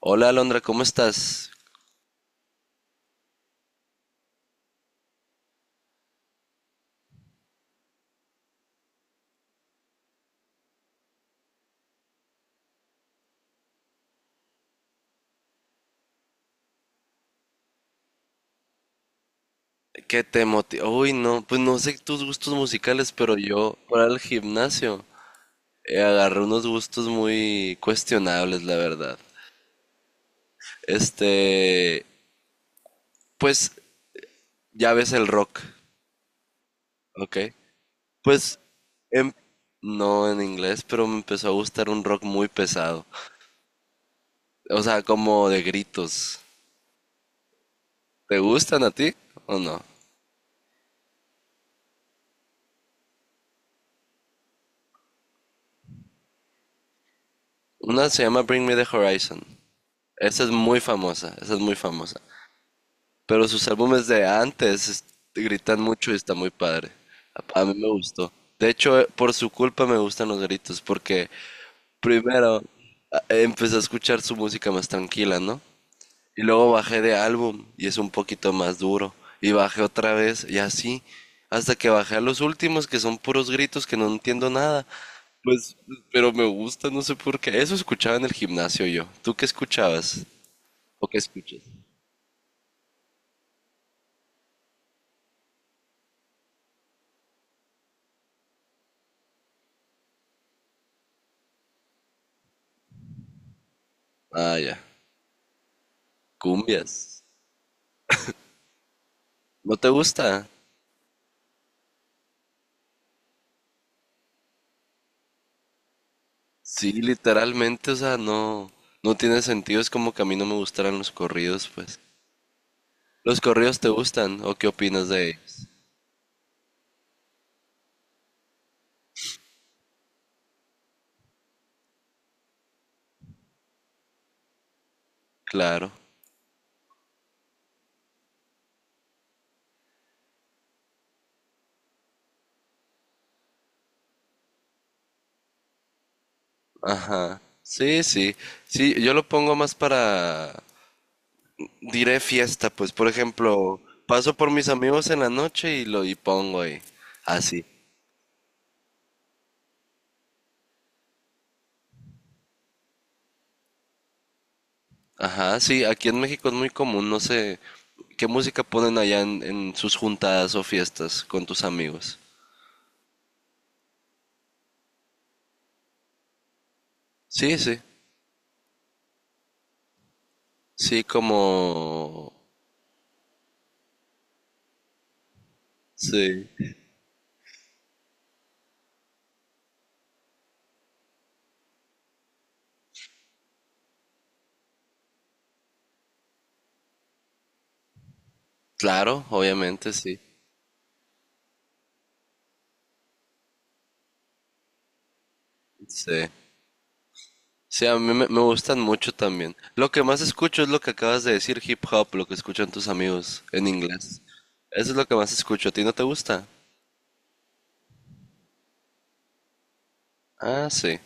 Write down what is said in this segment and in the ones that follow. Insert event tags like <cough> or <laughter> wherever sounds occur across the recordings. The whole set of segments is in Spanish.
Hola Alondra, ¿cómo estás? ¿Qué te motiva? Uy, no, pues no sé tus gustos musicales, pero yo para el gimnasio agarré unos gustos muy cuestionables, la verdad. Este, pues ya ves el rock, ¿ok? Pues em- no en inglés, pero me empezó a gustar un rock muy pesado. O sea, como de gritos. ¿Te gustan a ti o no? Una se llama Bring Me the Horizon. Esa es muy famosa, esa es muy famosa. Pero sus álbumes de antes gritan mucho y está muy padre. A mí me gustó. De hecho, por su culpa me gustan los gritos, porque primero empecé a escuchar su música más tranquila, ¿no? Y luego bajé de álbum y es un poquito más duro. Y bajé otra vez y así, hasta que bajé a los últimos, que son puros gritos que no entiendo nada. Pues, pero me gusta, no sé por qué. Eso escuchaba en el gimnasio yo. ¿Tú qué escuchabas? ¿O qué escuchas? Ah, ya. Cumbias. ¿No te gusta? Sí, literalmente, o sea, no, no tiene sentido. Es como que a mí no me gustaran los corridos, pues. ¿Los corridos te gustan o qué opinas de ellos? Claro. Ajá. Sí, sí. Sí, yo lo pongo más para, diré fiesta, pues, por ejemplo, paso por mis amigos en la noche y pongo ahí. Así. Ajá, sí, aquí en México es muy común, no sé, ¿qué música ponen allá en sus juntadas o fiestas con tus amigos? Sí, sí. Sí, como. Sí, claro, obviamente, sí. Sí. Sí, a mí me gustan mucho también. Lo que más escucho es lo que acabas de decir, hip hop, lo que escuchan tus amigos en inglés. Eso es lo que más escucho. ¿A ti no te gusta? Ah, sí.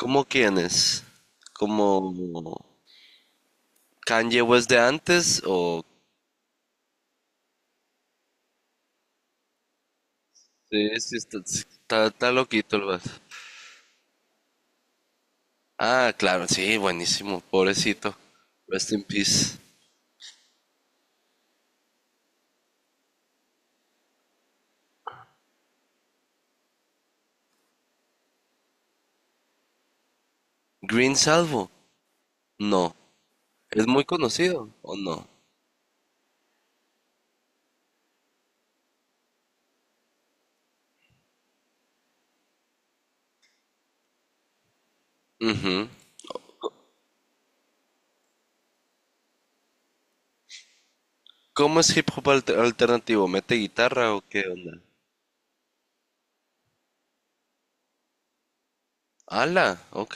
¿Cómo quiénes? ¿Como Kanye West de antes o? Sí, sí, está, sí, está loquito el vato. Ah, claro, sí, buenísimo, pobrecito. Rest in peace. ¿Green Salvo? No. ¿Es muy conocido o no? Ujú. ¿Cómo es hip hop alternativo? ¿Mete guitarra o qué onda? ¡Hala! Ok.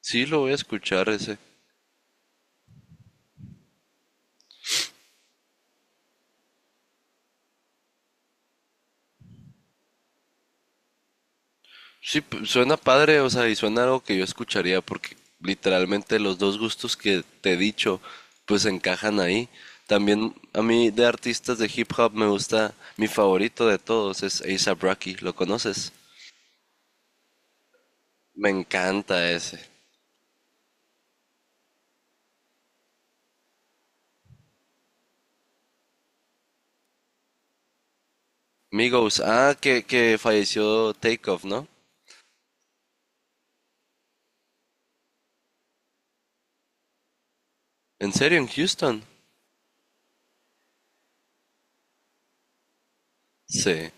Sí, lo voy a escuchar ese. Sí, suena padre, o sea, y suena algo que yo escucharía porque literalmente los dos gustos que te he dicho pues encajan ahí. También a mí de artistas de hip hop me gusta, mi favorito de todos es A$AP Rocky, ¿lo conoces? Me encanta ese. Migos, ah, que falleció Takeoff, ¿no? ¿En serio, en Houston? Sí,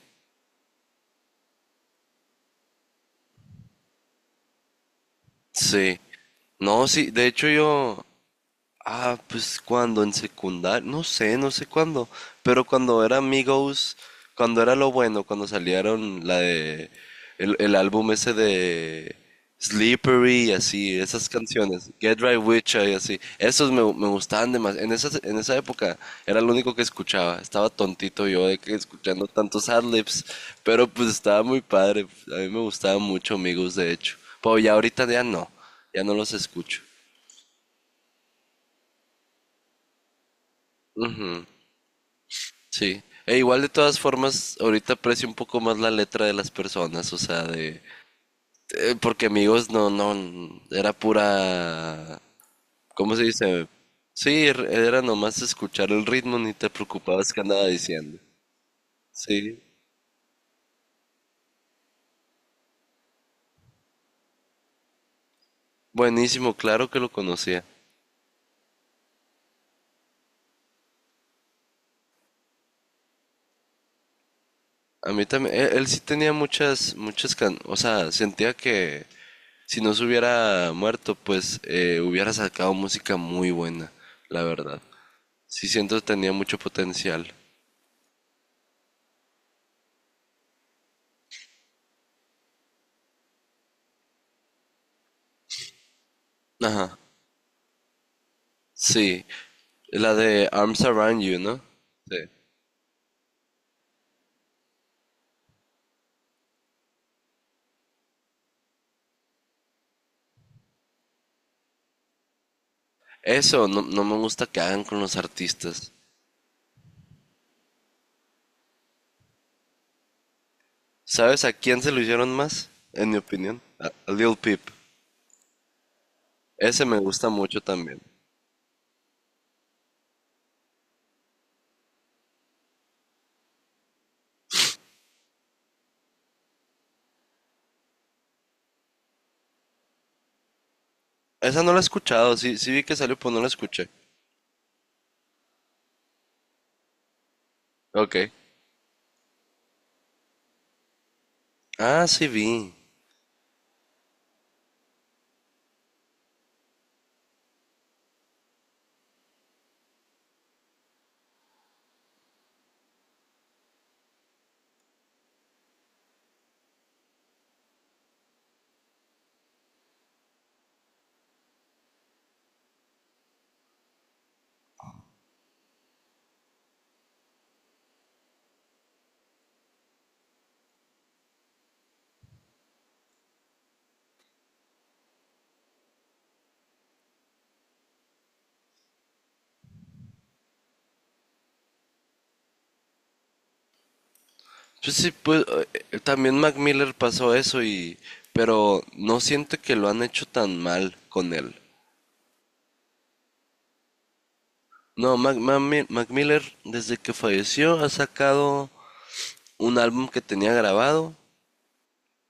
sí. No, sí, de hecho yo, ah, pues cuando en secundaria, no sé cuándo, pero cuando era Amigos, cuando era lo bueno, cuando salieron la de el álbum ese de Slippery y así, esas canciones, Get Right With Ya y así, esos me gustaban demasiado. En esa época era lo único que escuchaba, estaba tontito yo de que escuchando tantos adlibs, pero pues estaba muy padre, a mí me gustaban mucho Amigos de hecho, pero ya ahorita ya no los escucho. Ujú. Sí. E igual de todas formas, ahorita aprecio un poco más la letra de las personas, o sea, de. Porque amigos no, no, era pura. ¿Cómo se dice? Sí, era nomás escuchar el ritmo, ni te preocupabas que andaba diciendo. Sí, buenísimo, claro que lo conocía. A mí también, él sí tenía muchas. O sea, sentía que si no se hubiera muerto, pues hubiera sacado música muy buena, la verdad. Sí siento que tenía mucho potencial. Ajá, sí. La de Arms Around You, ¿no? Sí. Eso no, no me gusta que hagan con los artistas. ¿Sabes a quién se lo hicieron más? En mi opinión, a Lil Peep. Ese me gusta mucho también. Esa no la he escuchado, sí, sí vi que salió, pero no la escuché. Ok. Ah, sí vi. Pues sí, pues también Mac Miller pasó eso y. Pero no siento que lo han hecho tan mal con él. No, Mac Miller desde que falleció ha sacado un álbum que tenía grabado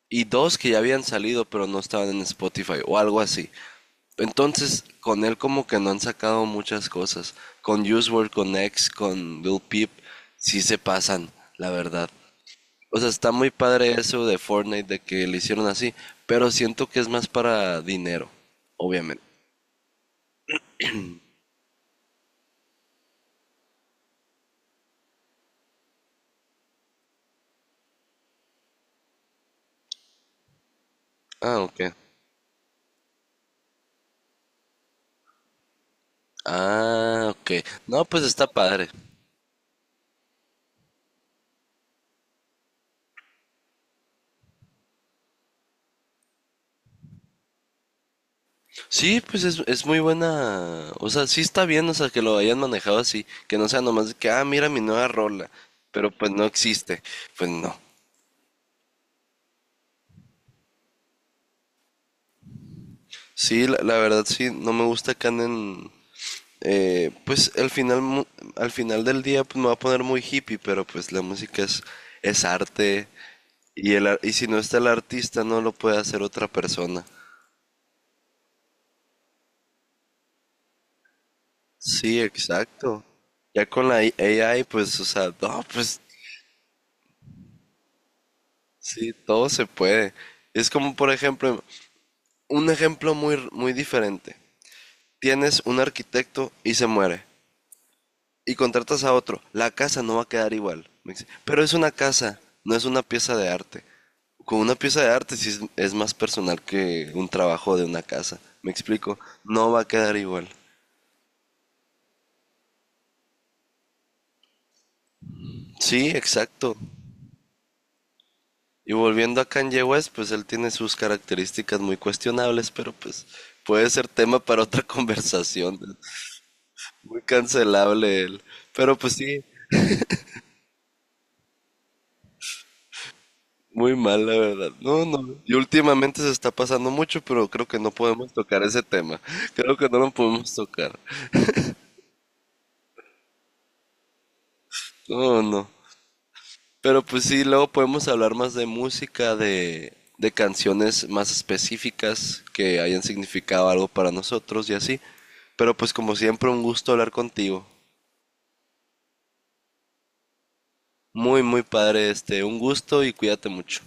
y dos que ya habían salido pero no estaban en Spotify o algo así. Entonces, con él como que no han sacado muchas cosas. Con Use World, con X, con Lil Peep, sí se pasan, la verdad. O sea, está muy padre eso de Fortnite, de que le hicieron así, pero siento que es más para dinero, obviamente. Ah, ok. Ah, ok. No, pues está padre. Sí, pues es muy buena. O sea, sí está bien, o sea, que lo hayan manejado así. Que no sea nomás de que, ah, mira mi nueva rola. Pero pues no existe. Pues no. Sí, la verdad sí, no me gusta que anden. Pues al final, al final del día pues, me va a poner muy hippie, pero pues la música es arte. Y si no está el artista, no lo puede hacer otra persona. Sí, exacto. Ya con la AI, pues, o sea, no, pues sí, todo se puede. Es como, por ejemplo, un ejemplo muy, muy diferente. Tienes un arquitecto y se muere. Y contratas a otro. La casa no va a quedar igual. Me dice, pero es una casa, no es una pieza de arte. Con una pieza de arte sí es más personal que un trabajo de una casa. Me explico, no va a quedar igual. Sí, exacto. Y volviendo a Kanye West, pues él tiene sus características muy cuestionables, pero pues puede ser tema para otra <laughs> conversación. Muy cancelable él. Pero pues sí, muy mal, la verdad. No, no. Y últimamente se está pasando mucho, pero creo que no podemos tocar ese tema. <laughs> Creo que no lo podemos tocar. No, no. Pero pues sí, luego podemos hablar más de música, de canciones más específicas que hayan significado algo para nosotros y así. Pero pues como siempre, un gusto hablar contigo. Muy, muy padre este. Un gusto y cuídate mucho.